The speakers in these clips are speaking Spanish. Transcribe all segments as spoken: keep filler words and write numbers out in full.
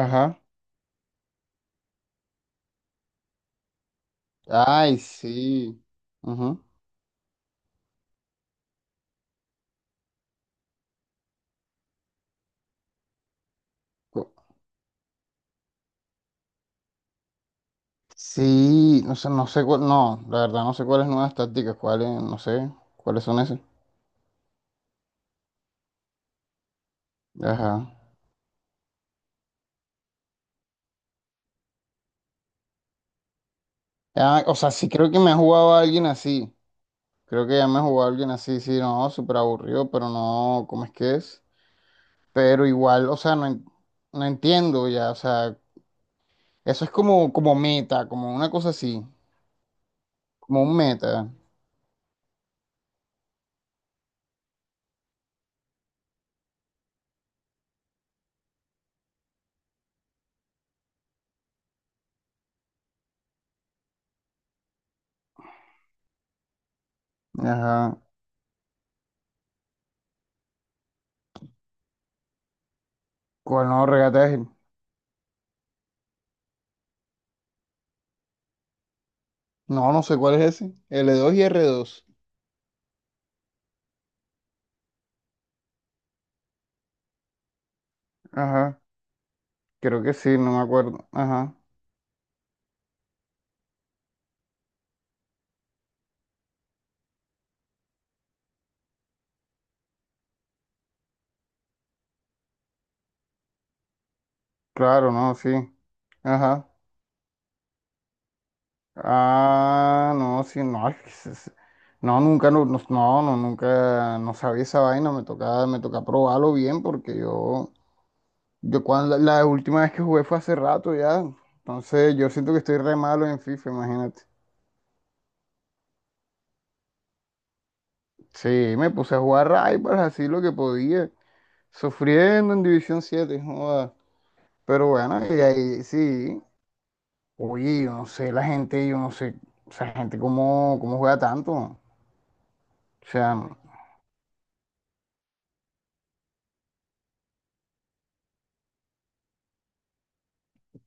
Ajá. Ay, sí. Ujú. Co- Sí, no sé, no sé cuál, no, la verdad no sé cuáles nuevas tácticas, cuáles, no sé, cuáles son esas. Ajá. Ah, o sea, sí creo que me ha jugado a alguien así. Creo que ya me ha jugado a alguien así, sí, no, súper aburrido, pero no, ¿cómo es que es? Pero igual, o sea, no, en- no entiendo ya, o sea, eso es como, como meta, como una cosa así, como un meta. Ajá. ¿Cuál no regataje? No, no sé cuál es ese. l dos y r dos. Ajá. Creo que sí, no me acuerdo. Ajá. Claro, no, sí. Ajá. Ah, no, sí, no. es que se- se- No, nunca, no, no, no, no, nunca, no sabía esa vaina. Me tocaba, me toca probarlo bien porque yo, yo cuando la, la última vez que jugué fue hace rato ya. Entonces yo siento que estoy re malo en FIFA, imagínate. Sí, me puse a jugar Rivals así lo que podía, sufriendo en División siete joda. Pero bueno, y ahí sí. Oye, yo no sé, la gente, yo no sé, esa gente cómo, cómo juega tanto. O sea,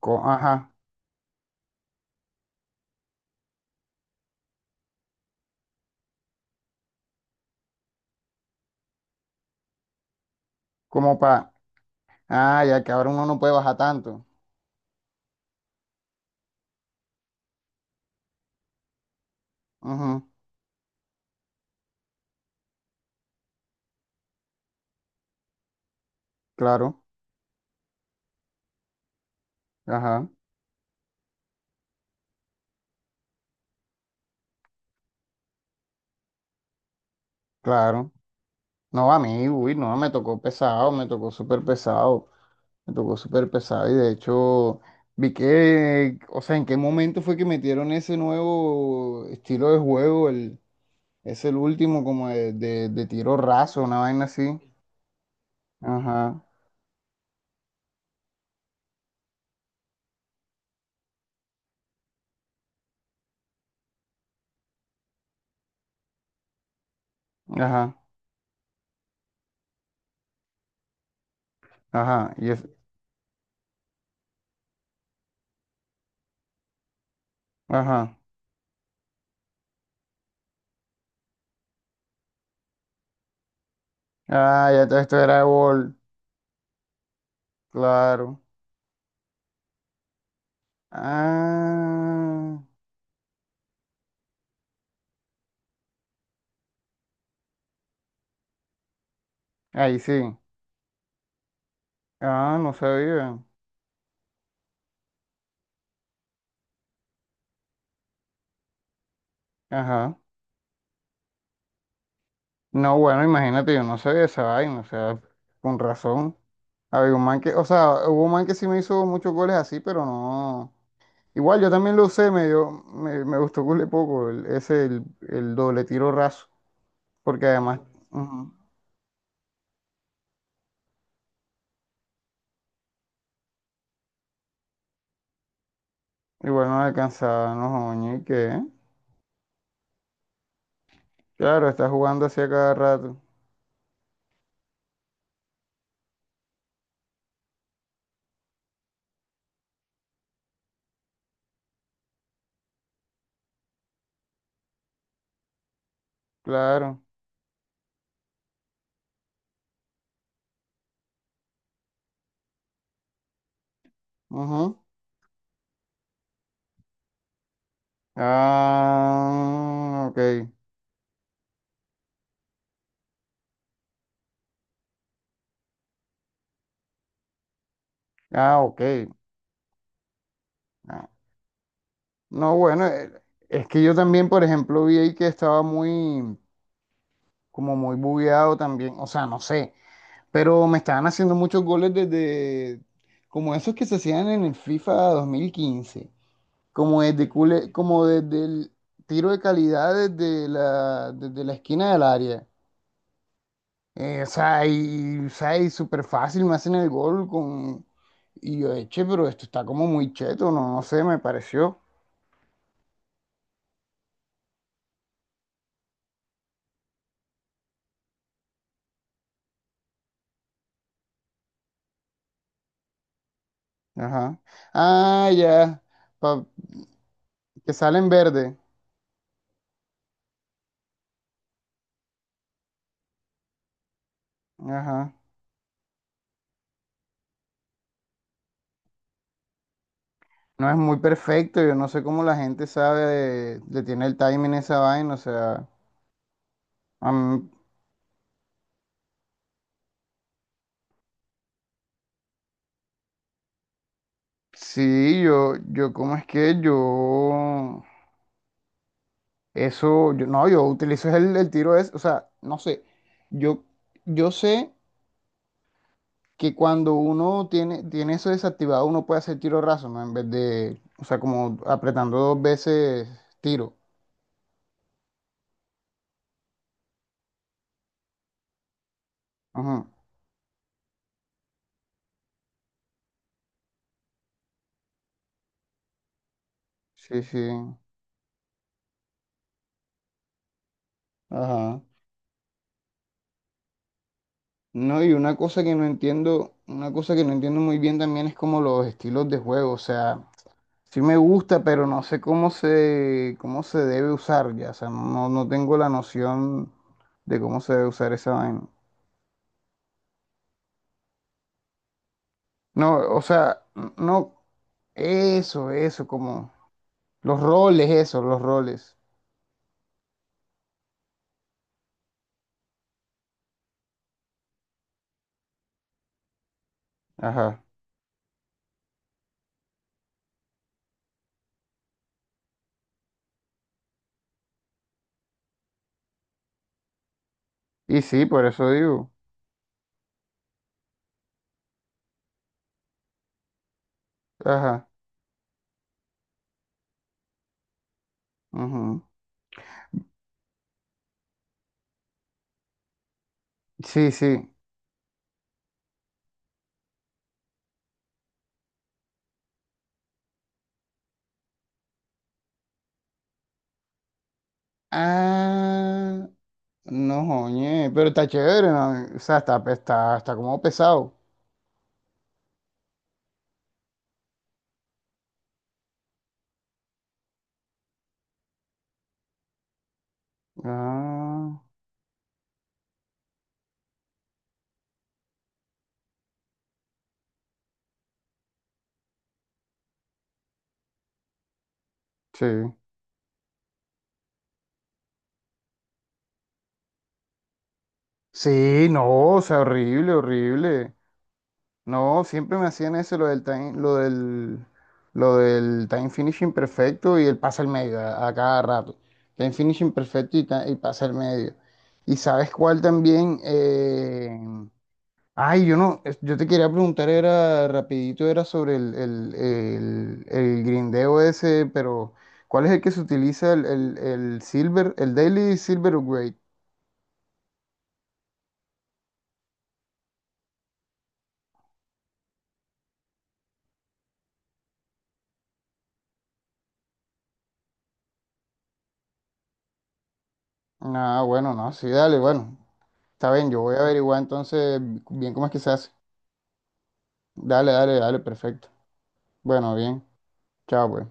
co- ajá, como para, ah, ya que ahora uno no puede bajar tanto. Ujú, claro, ajá, claro. No, a mí, uy, no, me tocó pesado, me tocó súper pesado, me tocó súper pesado. Y de hecho, vi que, o sea, ¿en qué momento fue que metieron ese nuevo estilo de juego? El, es el último como de, de de tiro raso, una vaina así. Ajá, ajá, ajá. Y Ajá. Ah, ya te- esto era gol, claro. Ah, ahí sí. Ah, no sabía. Ajá. No, bueno, imagínate, yo no sabía esa vaina, o sea, con razón. Había un man que, o sea, hubo un man que sí me hizo muchos goles así, pero no. Igual yo también lo usé, me dio, me, me gustó cule poco, el- ese, el, el doble tiro raso, porque además, ujú, igual no alcanzaba, no, joña, ¿y qué? Claro, está jugando así a cada rato, claro. Ujú. Ah, ok. Ah, ok. Ah, no, bueno, eh, es que yo también, por ejemplo, vi ahí que estaba muy, como muy bugueado también. O sea, no sé. Pero me estaban haciendo muchos goles desde, como esos que se hacían en el FIFA dos mil quince. Como desde, cule- como desde el tiro de calidad desde la, desde la esquina del área. Eh, o sea, y, o sea, y súper fácil, me hacen el gol con... Y yo, eche pero esto está como muy cheto, no, no sé, me pareció. Ajá. Ah, ya, pa- que sale en verde. Ajá. No es muy perfecto, yo no sé cómo la gente sabe, de- le tiene el timing a esa vaina, o sea... a mí- sí, yo, yo, ¿cómo es que yo... Eso, yo, no, yo utilizo el, el, tiro es, o sea, no sé, yo, yo, sé que cuando uno tiene, tiene eso desactivado, uno puede hacer tiro raso, ¿no? En vez de, o sea, como apretando dos veces tiro. Ajá. Sí, sí. Ajá. No, y una cosa que no entiendo, una cosa que no entiendo muy bien también es como los estilos de juego. O sea, sí me gusta, pero no sé cómo se, cómo se debe usar ya. O sea, no, no tengo la noción de cómo se debe usar esa vaina. No, o sea, no, eso, eso, como los roles, eso, los roles. Ajá. Y sí, por eso digo. Ajá. Ujú. Sí, sí. Ah, no, joñe, pero está chévere, ¿no? O sea, está, pe- está, está como pesado. Ah, sí. Sí, no, o sea, horrible, horrible. No, siempre me hacían eso, lo del time, lo del, lo del time finishing perfecto y el pase al medio a, a cada rato. Time finishing perfecto y, ta- y pase al medio. ¿Y sabes cuál también? Eh, Ay, yo no, es- yo te quería preguntar, era rapidito, era sobre el, el, el, el grindeo ese, pero ¿cuál es el que se utiliza el, el, el Silver, el Daily Silver Upgrade? Ah, bueno, no, sí, dale, bueno, está bien, yo voy a averiguar entonces bien cómo es que se hace. Dale, dale, dale, perfecto. Bueno, bien, chao, pues.